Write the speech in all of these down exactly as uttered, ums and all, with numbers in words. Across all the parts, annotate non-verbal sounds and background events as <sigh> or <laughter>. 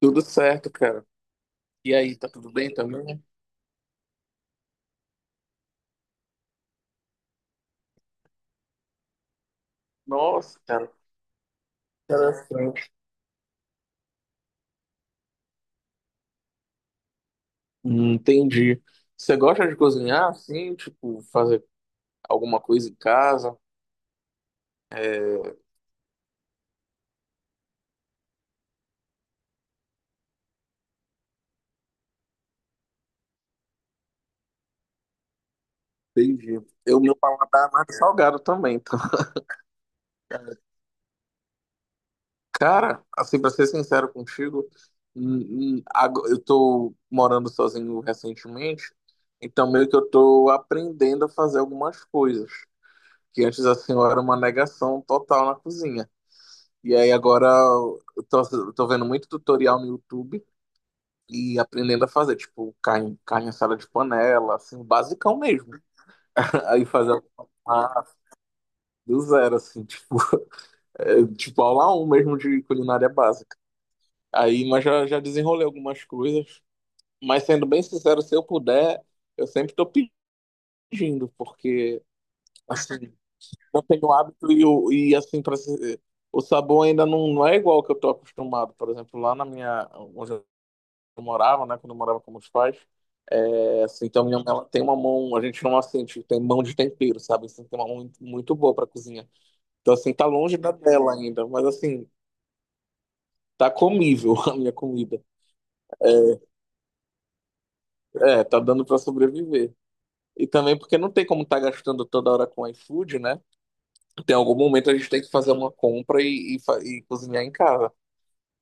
Tudo certo, cara. E aí, tá tudo bem também? Nossa, cara, interessante. Hum, Entendi. Você gosta de cozinhar, assim, tipo, fazer alguma coisa em casa? Entendi. Eu, meu paladar é mais salgado também, tá? É, cara, assim, pra ser sincero contigo, hum, hum, ago- eu tô morando sozinho recentemente, então meio que eu tô aprendendo a fazer algumas coisas, que antes, assim, eu era uma negação total na cozinha. E aí agora eu tô, eu tô vendo muito tutorial no YouTube e aprendendo a fazer, tipo, carne, carne assada de panela, assim, o basicão mesmo. <laughs> Aí fazer a massa do zero, assim, tipo, <laughs> é, tipo aula um mesmo de culinária básica. Aí, mas já, já desenrolei algumas coisas. Mas sendo bem sincero, se eu puder, eu sempre tô pedindo, porque, assim, eu tenho hábito e, o- e assim, pra, se- o sabor ainda não, não é igual ao que eu tô acostumado. Por exemplo, lá na minha, onde eu morava, né? Quando eu morava com meus pais. É, assim, então minha mãe ela tem uma mão, a gente não assim, tipo, tem mão de tempero, sabe? Assim, tem uma mão muito, muito boa pra cozinha. Então, assim, tá longe da dela ainda, mas assim, tá comível <laughs> a minha comida. É, tá dando pra sobreviver. E também porque não tem como estar gastando toda hora com iFood, né? Tem algum momento a gente tem que fazer uma compra e, e, fa- e cozinhar em casa.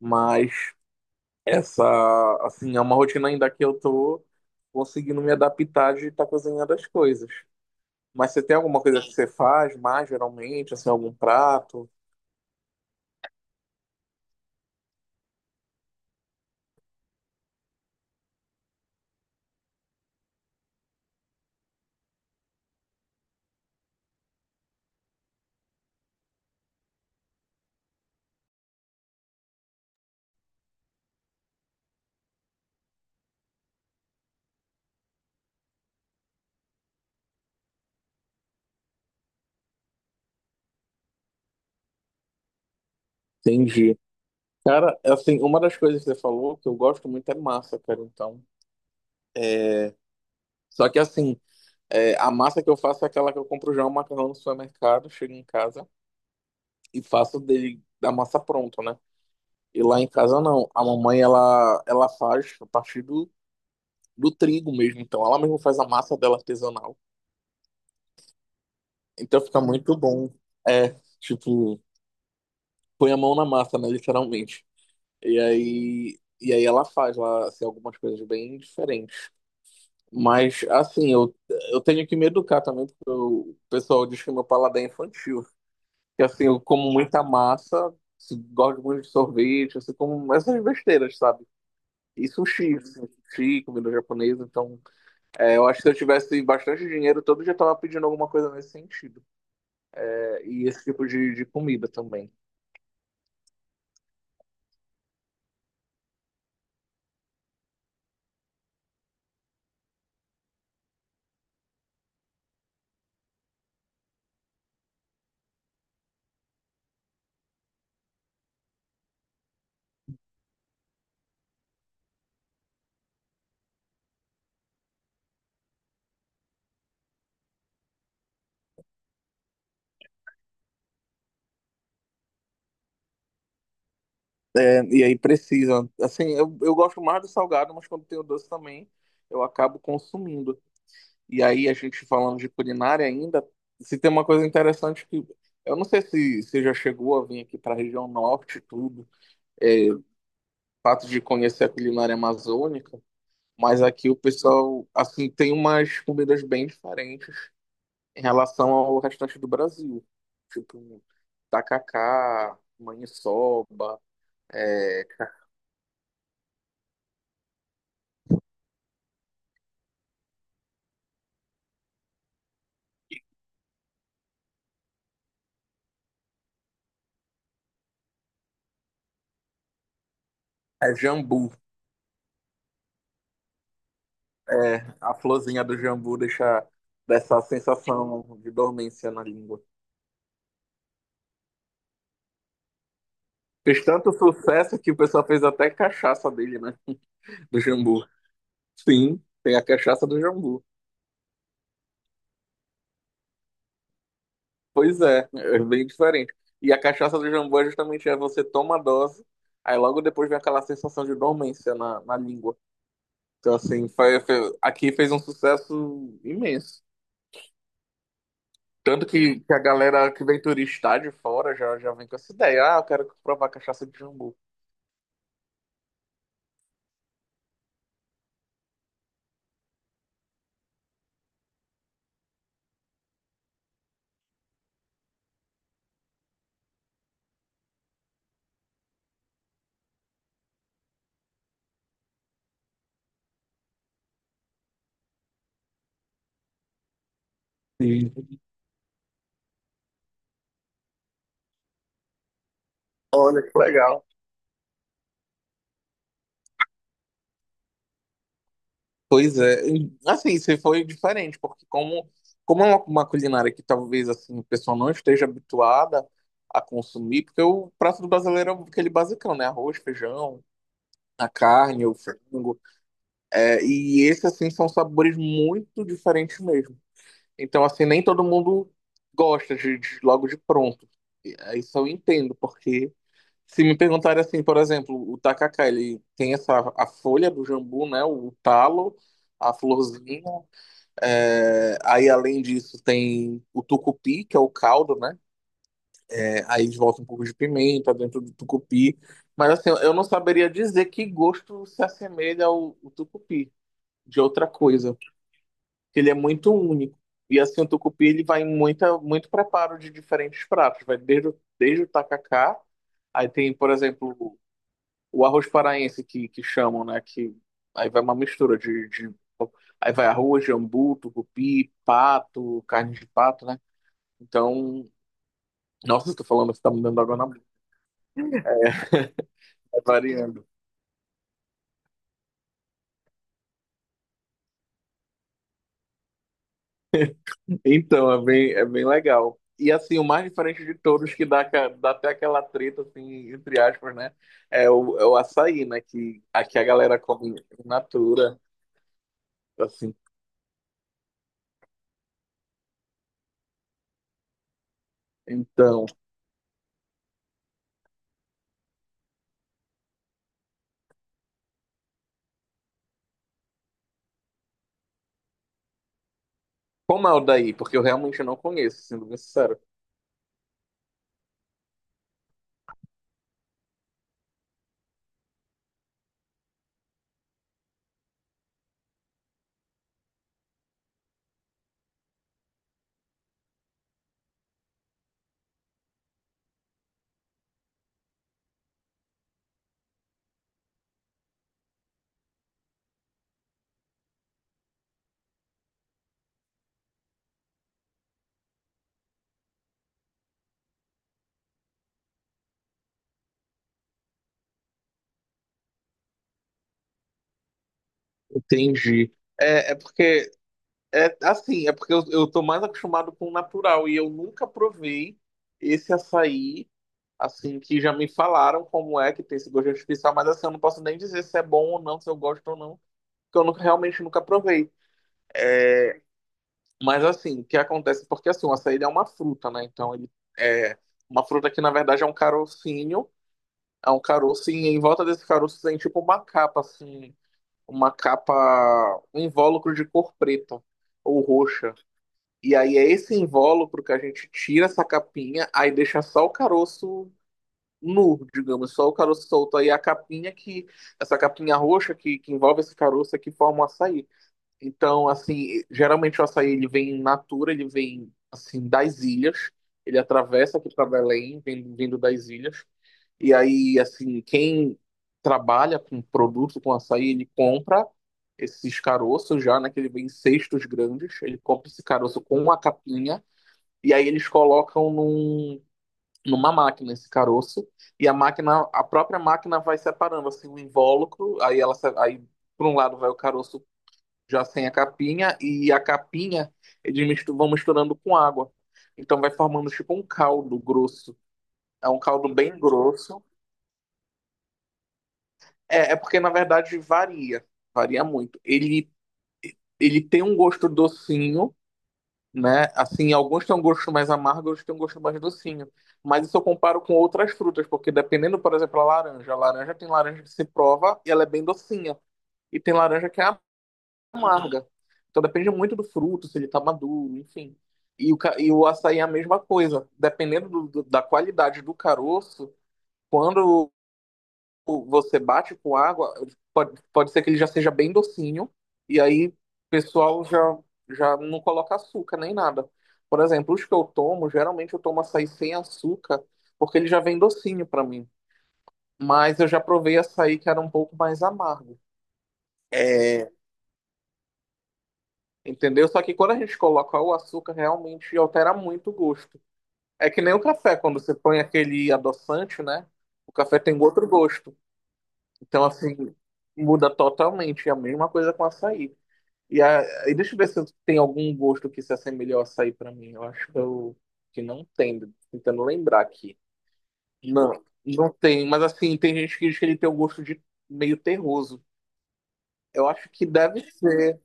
Mas essa, assim, é uma rotina ainda que eu tô conseguindo me adaptar de estar cozinhando as coisas. Mas você tem alguma coisa que você faz mais geralmente, assim, algum prato? Entendi. Cara, assim, uma das coisas que você falou que eu gosto muito é massa, cara. Então, é... só que assim, é, a massa que eu faço é aquela que eu compro já o macarrão no supermercado, chego em casa e faço dele da massa pronta, né? E lá em casa não. A mamãe ela ela faz a partir do, do trigo mesmo. Então, ela mesmo faz a massa dela artesanal. Então, fica muito bom. É, tipo, põe a mão na massa, né? Literalmente. E aí, e aí ela faz lá assim, algumas coisas bem diferentes. Mas, assim, eu, eu tenho que me educar também, porque eu- o pessoal diz que meu paladar é infantil. Que, assim, eu como muita massa, se- gosto muito de sorvete, assim, como essas besteiras, sabe? E sushi, assim, sushi, comida japonesa. Então, é, eu acho que se eu tivesse bastante dinheiro, todo dia eu tava pedindo alguma coisa nesse sentido. É, e esse tipo de, de comida também. E aí precisa. Assim, eu, eu gosto mais do salgado, mas quando tem o doce também, eu acabo consumindo. E aí, a gente falando de culinária ainda, se tem uma coisa interessante que. Eu não sei se você já chegou a vir aqui para a região norte e tudo, é, o fato de conhecer a culinária amazônica, mas aqui o pessoal, assim, tem umas comidas bem diferentes em relação ao restante do Brasil. Tipo, tacacá, maniçoba, é, é jambu. É, a florzinha do jambu deixa dessa sensação de dormência na língua. Fez tanto sucesso que o pessoal fez até cachaça dele, né? Do jambu. Sim, tem a cachaça do jambu. Pois é, é bem diferente. E a cachaça do jambu é justamente é você toma a dose, aí logo depois vem aquela sensação de dormência na, na língua. Então, assim, foi, foi- aqui fez um sucesso imenso. Tanto que, que a galera que vem turistar de fora já, já vem com essa ideia. Ah, eu quero provar cachaça de jambu. Sim. Olha que legal. Pois é, e, assim, se foi diferente, porque como, como é uma, uma culinária que talvez assim, o pessoal não esteja habituada a consumir, porque o prato do brasileiro é aquele basicão, né? Arroz, feijão, a carne, o frango. É, e esses, assim, são sabores muito diferentes mesmo. Então, assim, nem todo mundo gosta de, de- logo de pronto. E, é, isso eu entendo, porque se me perguntarem assim, por exemplo, o tacacá, ele tem essa a folha do jambu, né? O talo, a florzinha. É, aí, além disso, tem o tucupi, que é o caldo, né? É, aí eles botam um pouco de pimenta dentro do tucupi. Mas assim, eu não saberia dizer que gosto se assemelha ao, ao tucupi, de outra coisa. Ele é muito único. E assim, o tucupi, ele vai em muita, muito preparo de diferentes pratos. Vai desde, o- desde o tacacá, aí tem, por exemplo, o arroz paraense que, que chamam, né? Que aí vai uma mistura de, de- aí vai arroz, jambu, tucupi, pato, carne de pato, né? Então, nossa, estou falando, você tá me dando água na boca, vai variando. Então, é bem, é bem legal. E assim, o mais diferente de todos, que dá, ca- dá até aquela treta, assim, entre aspas, né? É o, é o açaí, né? Que aqui a galera come in natura, assim. Então, como é o daí? Porque eu realmente não conheço, sendo bem sincero. Entendi. É, é porque é assim, é porque eu, eu tô mais acostumado com o natural e eu nunca provei esse açaí, assim, que já me falaram como é que tem esse gosto artificial, mas assim, eu não posso nem dizer se é bom ou não, se eu gosto ou não, porque eu nunca, realmente nunca provei. Mas assim, o que acontece? Porque assim, o açaí é uma fruta, né? Então ele é uma fruta que na verdade é um carocinho, é um caroço e em volta desse caroço tem tipo uma capa, assim, uma capa, um invólucro de cor preta ou roxa. E aí é esse invólucro que a gente tira essa capinha, aí deixa só o caroço nu, digamos, só o caroço solto. Aí é a capinha que, essa capinha roxa que, que envolve esse caroço é que forma o açaí. Então, assim, geralmente o açaí ele vem in natura, ele vem, assim, das ilhas. Ele atravessa aqui para Belém, vem- vindo das ilhas. E aí, assim, quem trabalha com produto, com açaí, ele compra esses caroços já, né? Que ele vem em cestos grandes. Ele compra esse caroço com a capinha e aí eles colocam num, numa máquina esse caroço e a máquina, a própria máquina vai separando assim o invólucro, aí ela se- aí por um lado vai o caroço já sem a capinha e a capinha eles mistu- vão misturando com água. Então vai formando tipo um caldo grosso. É um caldo bem grosso. É, é porque na verdade varia, varia muito. Ele ele tem um gosto docinho, né? Assim, alguns têm um gosto mais amargo, outros têm um gosto mais docinho. Mas isso eu comparo com outras frutas, porque dependendo, por exemplo, a laranja. A laranja tem laranja que se prova e ela é bem docinha. E tem laranja que é amarga. Então depende muito do fruto, se ele tá maduro, enfim. E o, ca- e o açaí é a mesma coisa. Dependendo do- do- da qualidade do caroço, quando você bate com água, pode, pode ser que ele já seja bem docinho, e aí o pessoal já, já não coloca açúcar nem nada. Por exemplo, os que eu tomo, geralmente eu tomo açaí sem açúcar, porque ele já vem docinho pra mim. Mas eu já provei açaí que era um pouco mais amargo. É, entendeu? Só que quando a gente coloca o açúcar, realmente altera muito o gosto. É que nem o café, quando você põe aquele adoçante, né? O café tem outro gosto. Então, assim, muda totalmente. É a mesma coisa com açaí. E aí, deixa eu ver se eu- tem algum gosto que se assemelhe ao açaí pra mim. Eu acho que, eu, que não tem, tô tentando lembrar aqui. Não, não tem, mas assim, tem gente que diz que ele tem um gosto de meio terroso. Eu acho que deve ser.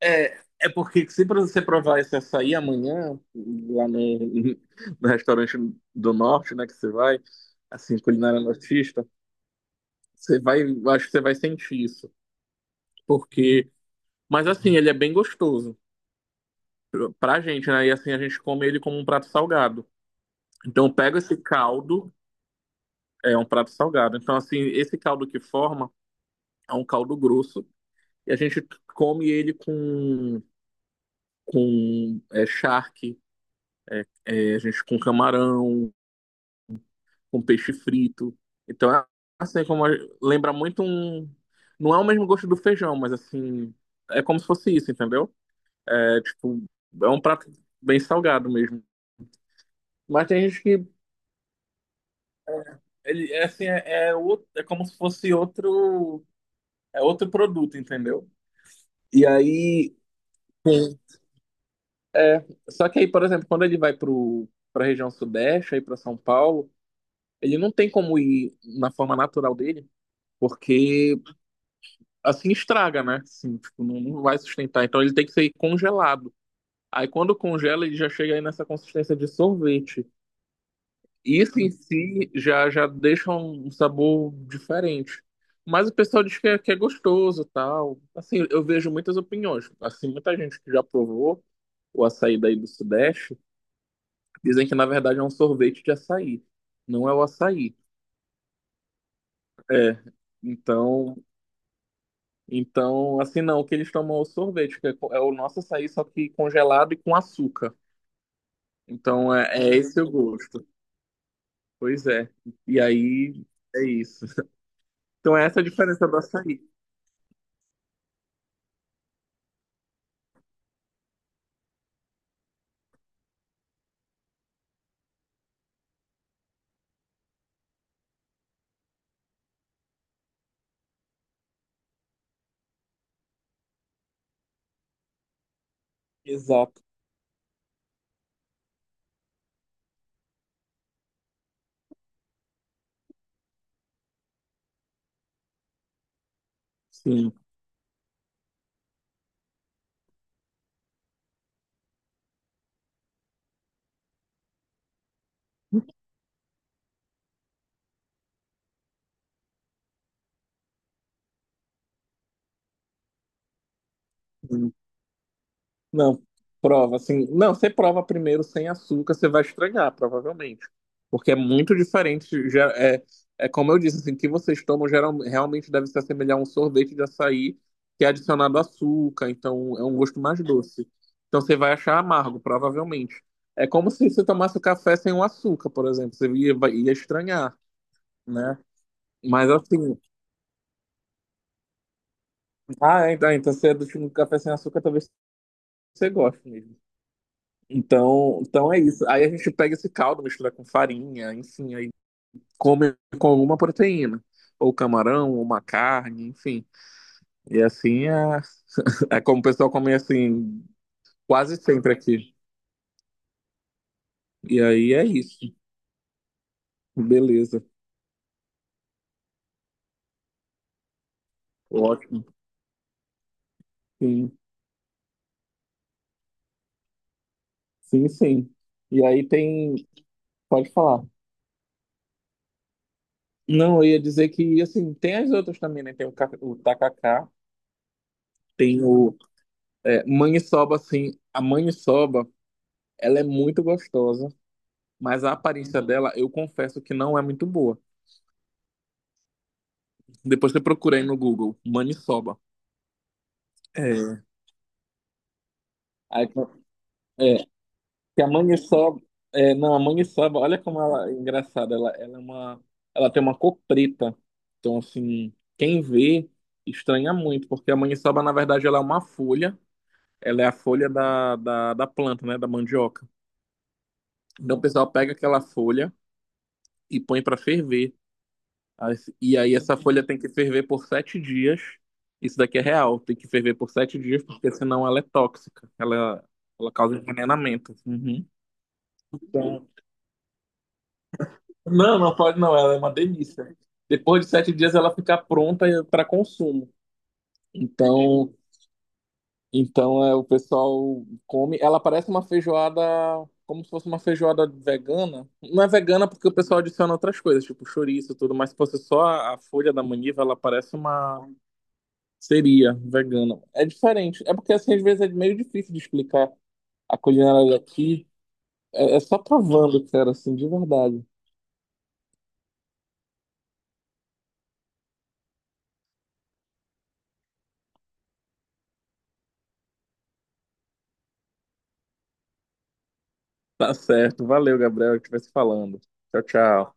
É, é porque se pra você provar esse açaí amanhã, lá no, <laughs> no restaurante do norte, né, que você vai, assim, culinária nortista, você vai, eu acho que você vai sentir isso. Porque, mas assim, ele é bem gostoso. Pra gente, né? E assim a gente come ele como um prato salgado. Então pega esse caldo, é um prato salgado. Então assim, esse caldo que forma é um caldo grosso e a gente come ele com com é, charque, é, a gente com camarão, com peixe frito. Então é assim como a, lembra muito um não é o mesmo gosto do feijão, mas assim é como se fosse isso, entendeu? É tipo é um prato bem salgado mesmo. Mas tem gente que ele é assim, é, é, outro, é como se fosse outro, é outro produto, entendeu? E aí, sim. É, só que aí, por exemplo, quando ele vai pro para a região sudeste, aí para São Paulo, ele não tem como ir na forma natural dele, porque assim estraga, né? Assim, tipo, não, não vai sustentar. Então ele tem que ser congelado. Aí quando congela, ele já chega aí nessa consistência de sorvete. Isso em si já, já deixa um sabor diferente. Mas o pessoal diz que é, que é gostoso, tal. Assim, eu vejo muitas opiniões. Assim, muita gente que já provou o açaí daí do Sudeste dizem que na verdade é um sorvete de açaí, não é o açaí. É. Então, então assim não, o que eles tomam é o sorvete, que é, co- é o nosso açaí só que congelado e com açúcar. Então é, é esse o gosto. Pois é. E aí é isso. Então é essa a diferença do açaí. Exato. Sim, sim. Não, prova assim. Não, você prova primeiro sem açúcar, você vai estragar provavelmente. Porque é muito diferente. Já é, é como eu disse, assim, o que vocês tomam geral, realmente deve se assemelhar a um sorvete de açaí que é adicionado açúcar, então é um gosto mais doce. Então você vai achar amargo, provavelmente. É como se você tomasse o café sem o açúcar, por exemplo. Você ia, vai- ia estranhar, né? Mas assim, ah, então, então você é do time do café sem açúcar, talvez você goste mesmo. Então, então é isso. Aí a gente pega esse caldo, mistura com farinha, enfim, aí come com alguma proteína. Ou camarão, ou uma carne, enfim. E assim é, <laughs> é como o pessoal come assim quase sempre aqui. E aí é isso. Beleza. Ótimo. Sim, sim, sim. E aí tem. Pode falar. Não, eu ia dizer que assim, tem as outras também, né? Tem o, ca- o tacacá, tem o é, maniçoba, assim. A maniçoba, ela é muito gostosa. Mas a aparência dela, eu confesso que não é muito boa. Depois eu procurei no Google, maniçoba. É. Aí, é, que a maniçoba. É, não, a maniçoba, olha como ela é engraçada. Ela, ela é uma, ela tem uma cor preta. Então, assim, quem vê estranha muito, porque a maniçoba, na verdade, ela é uma folha. Ela é a folha da, da, da planta, né? Da mandioca. Então, o pessoal pega aquela folha e põe para ferver. As- E aí essa folha tem que ferver por sete dias. Isso daqui é real, tem que ferver por sete dias, porque senão ela é tóxica. Ela, ela causa envenenamento. Uhum. Então, não, não pode não, ela é uma delícia. Depois de sete dias ela fica pronta para consumo. Então, então é, o pessoal come. Ela parece uma feijoada, como se fosse uma feijoada vegana. Não é vegana porque o pessoal adiciona outras coisas, tipo chouriço e tudo, mas se fosse só a a folha da maniva, ela parece uma seria vegano. É diferente. É porque assim, às vezes é meio difícil de explicar a culinária daqui. É, é só provando, cara, assim, de verdade. Tá certo. Valeu, Gabriel, que vai se falando. Tchau, tchau.